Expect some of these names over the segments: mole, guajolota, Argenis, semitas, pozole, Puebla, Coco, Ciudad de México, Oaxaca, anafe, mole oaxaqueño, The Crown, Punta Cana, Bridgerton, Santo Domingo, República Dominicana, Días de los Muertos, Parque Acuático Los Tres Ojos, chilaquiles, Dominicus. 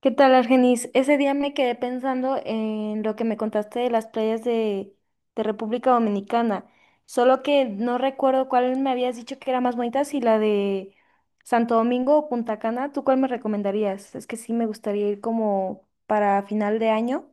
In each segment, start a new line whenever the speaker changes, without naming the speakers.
¿Qué tal, Argenis? Ese día me quedé pensando en lo que me contaste de las playas de República Dominicana, solo que no recuerdo cuál me habías dicho que era más bonita, si la de Santo Domingo o Punta Cana, ¿tú cuál me recomendarías? Es que sí me gustaría ir como para final de año.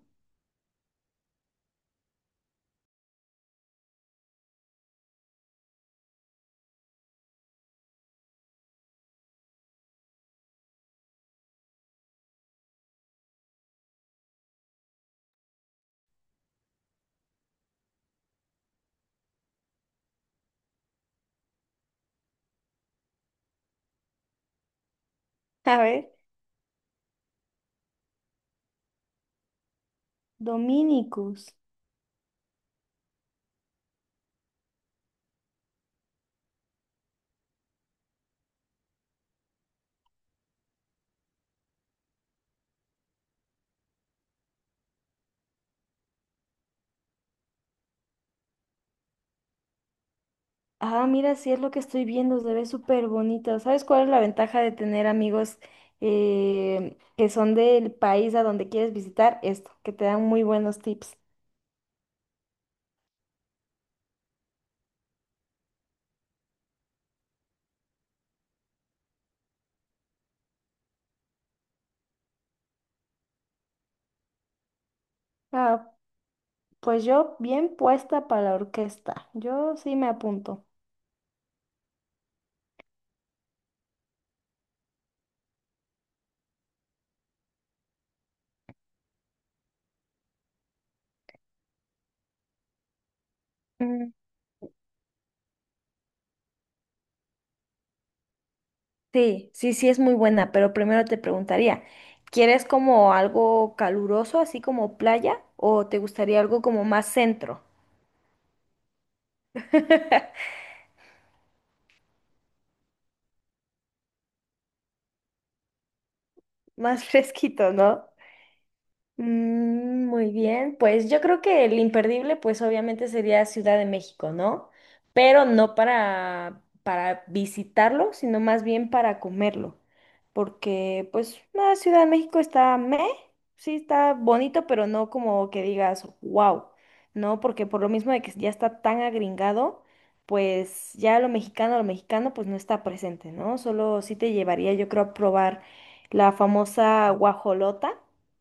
A ver, Dominicus. Ah, mira, sí es lo que estoy viendo, se ve súper bonito. ¿Sabes cuál es la ventaja de tener amigos que son del país a donde quieres visitar? Esto, que te dan muy buenos tips. Ah, pues yo bien puesta para la orquesta. Yo sí me apunto. Mm, sí, sí, sí es muy buena, pero primero te preguntaría, ¿quieres como algo caluroso, así como playa, o te gustaría algo como más centro? Más fresquito, ¿no? Mm, muy bien, pues yo creo que el imperdible, pues obviamente sería Ciudad de México, ¿no? Pero no para visitarlo, sino más bien para comerlo. Porque, pues, la Ciudad de México está meh, sí está bonito, pero no como que digas, wow, ¿no? Porque por lo mismo de que ya está tan agringado, pues ya lo mexicano, pues no está presente, ¿no? Solo sí te llevaría, yo creo, a probar la famosa guajolota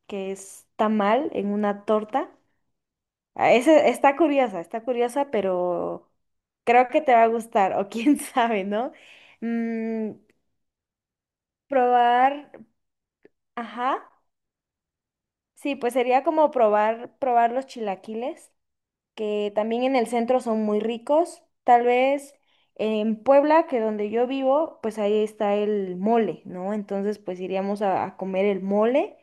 que es tamal en una torta. Ah, ese está curiosa, pero creo que te va a gustar, o quién sabe, ¿no? Mm, probar, ajá. Sí, pues sería como probar los chilaquiles, que también en el centro son muy ricos. Tal vez en Puebla, que donde yo vivo, pues ahí está el mole, ¿no? Entonces, pues iríamos a comer el mole,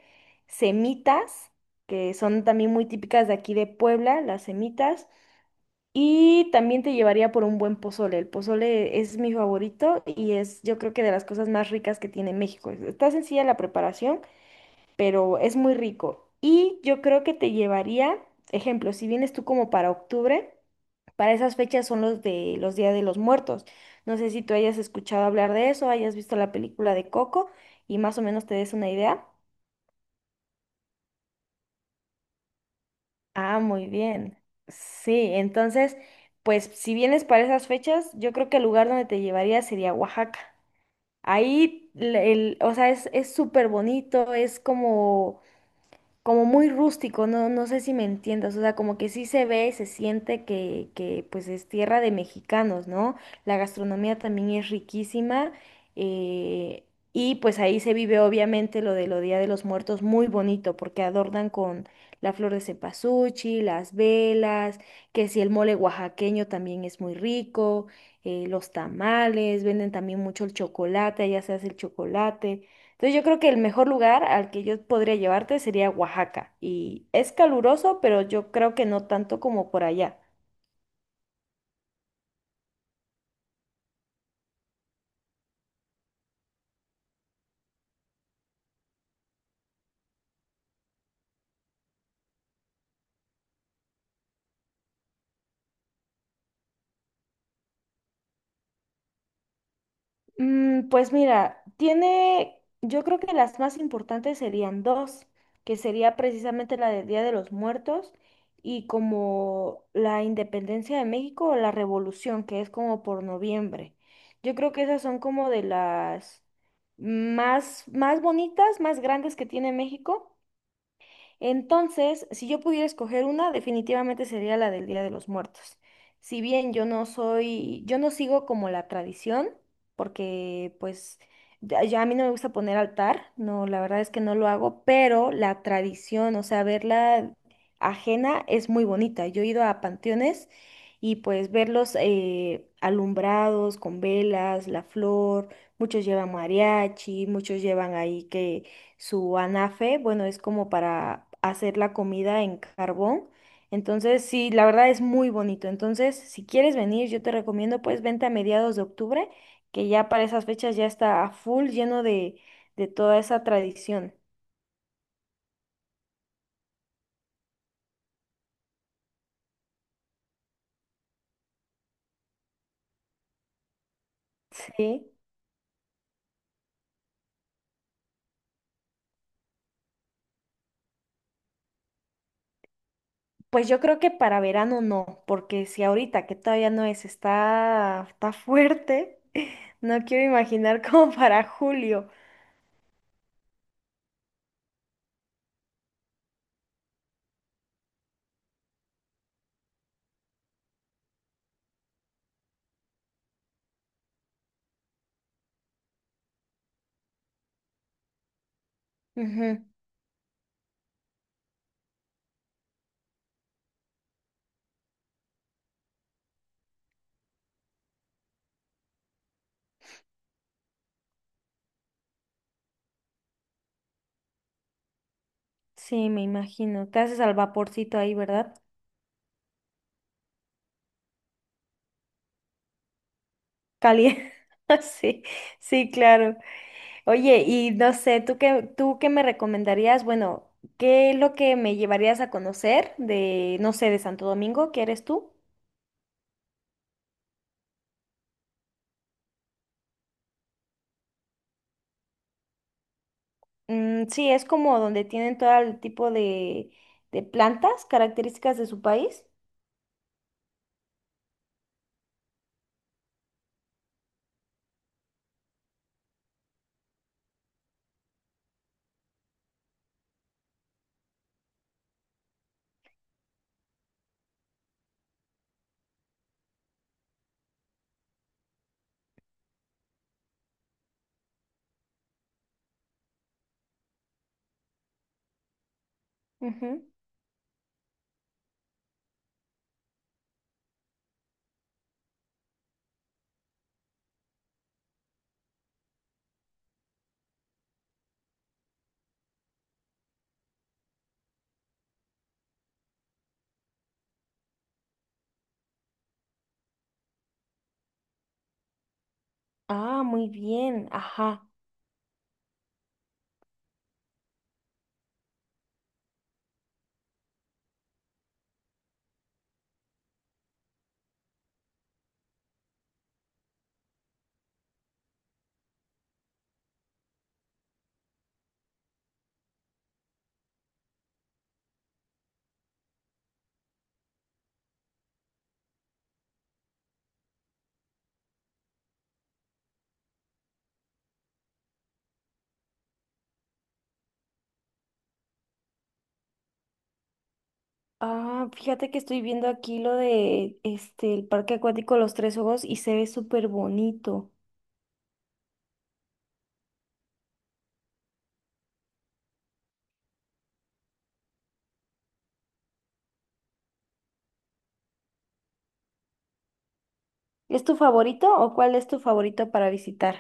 semitas, que son también muy típicas de aquí de Puebla, las semitas. Y también te llevaría por un buen pozole. El pozole es mi favorito y es yo creo que de las cosas más ricas que tiene México. Está sencilla la preparación, pero es muy rico. Y yo creo que te llevaría, ejemplo, si vienes tú como para octubre, para esas fechas son los de los Días de los Muertos. No sé si tú hayas escuchado hablar de eso, hayas visto la película de Coco y más o menos te des una idea. Ah, muy bien. Sí, entonces, pues si vienes para esas fechas, yo creo que el lugar donde te llevaría sería Oaxaca. Ahí, o sea, es súper bonito, es como como muy rústico, no, no sé si me entiendas, o sea, como que sí se ve y se siente que pues es tierra de mexicanos, ¿no? La gastronomía también es riquísima, eh, y pues ahí se vive obviamente lo de lo Día de los Muertos muy bonito porque adornan con la flor de cempasúchil, las velas, que si el mole oaxaqueño también es muy rico, los tamales, venden también mucho el chocolate, allá se hace el chocolate. Entonces yo creo que el mejor lugar al que yo podría llevarte sería Oaxaca. Y es caluroso, pero yo creo que no tanto como por allá. Mm, pues mira, tiene, yo creo que las más importantes serían dos, que sería precisamente la del Día de los Muertos y como la independencia de México o la revolución, que es como por noviembre. Yo creo que esas son como de las más bonitas, más grandes que tiene México. Entonces, si yo pudiera escoger una, definitivamente sería la del Día de los Muertos. Si bien yo no soy, yo no sigo como la tradición, porque pues ya a mí no me gusta poner altar, no, la verdad es que no lo hago, pero la tradición, o sea, verla ajena es muy bonita. Yo he ido a panteones y pues verlos alumbrados con velas, la flor, muchos llevan mariachi, muchos llevan ahí que su anafe, bueno, es como para hacer la comida en carbón. Entonces, sí, la verdad es muy bonito. Entonces, si quieres venir, yo te recomiendo, pues vente a mediados de octubre, que ya para esas fechas ya está a full lleno de toda esa tradición. Sí. Pues yo creo que para verano no, porque si ahorita que todavía no es, está, está fuerte, no quiero imaginar como para julio. Ujú, sí, me imagino. Te haces al vaporcito ahí, ¿verdad? Caliente. Sí, sí, claro. Oye, y no sé, tú qué me recomendarías? Bueno, ¿qué es lo que me llevarías a conocer de, no sé, de Santo Domingo? ¿Qué eres tú? Mm, sí, es como donde tienen todo el tipo de plantas características de su país. Ujú. Ah, muy bien, ajá. Ah, fíjate que estoy viendo aquí lo de este, el Parque Acuático Los Tres Ojos y se ve súper bonito. ¿Es tu favorito o cuál es tu favorito para visitar?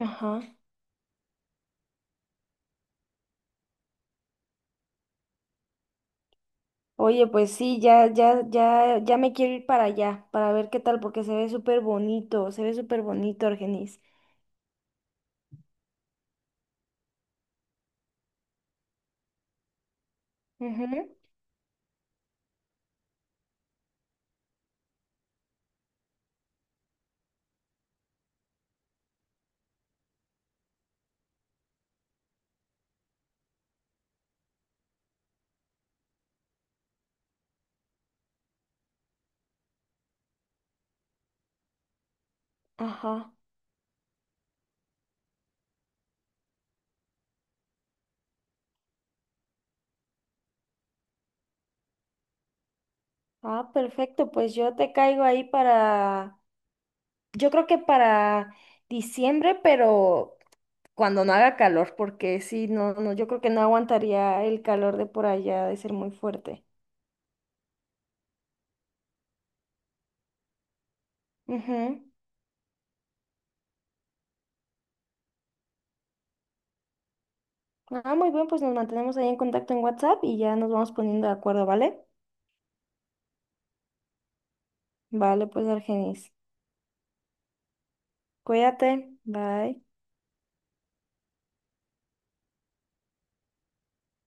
Ajá. Oye, pues sí, ya, ya, ya, ya me quiero ir para allá, para ver qué tal, porque se ve súper bonito, se ve súper bonito, Argenis. Ujú. Ajá. Ah, perfecto, pues yo te caigo ahí para, yo creo que para diciembre, pero cuando no haga calor, porque sí, no, no, yo creo que no aguantaría el calor de por allá, de ser muy fuerte. Ujú. Ah, muy bien, pues nos mantenemos ahí en contacto en WhatsApp y ya nos vamos poniendo de acuerdo, ¿vale? Vale, pues Argenis. Cuídate, bye.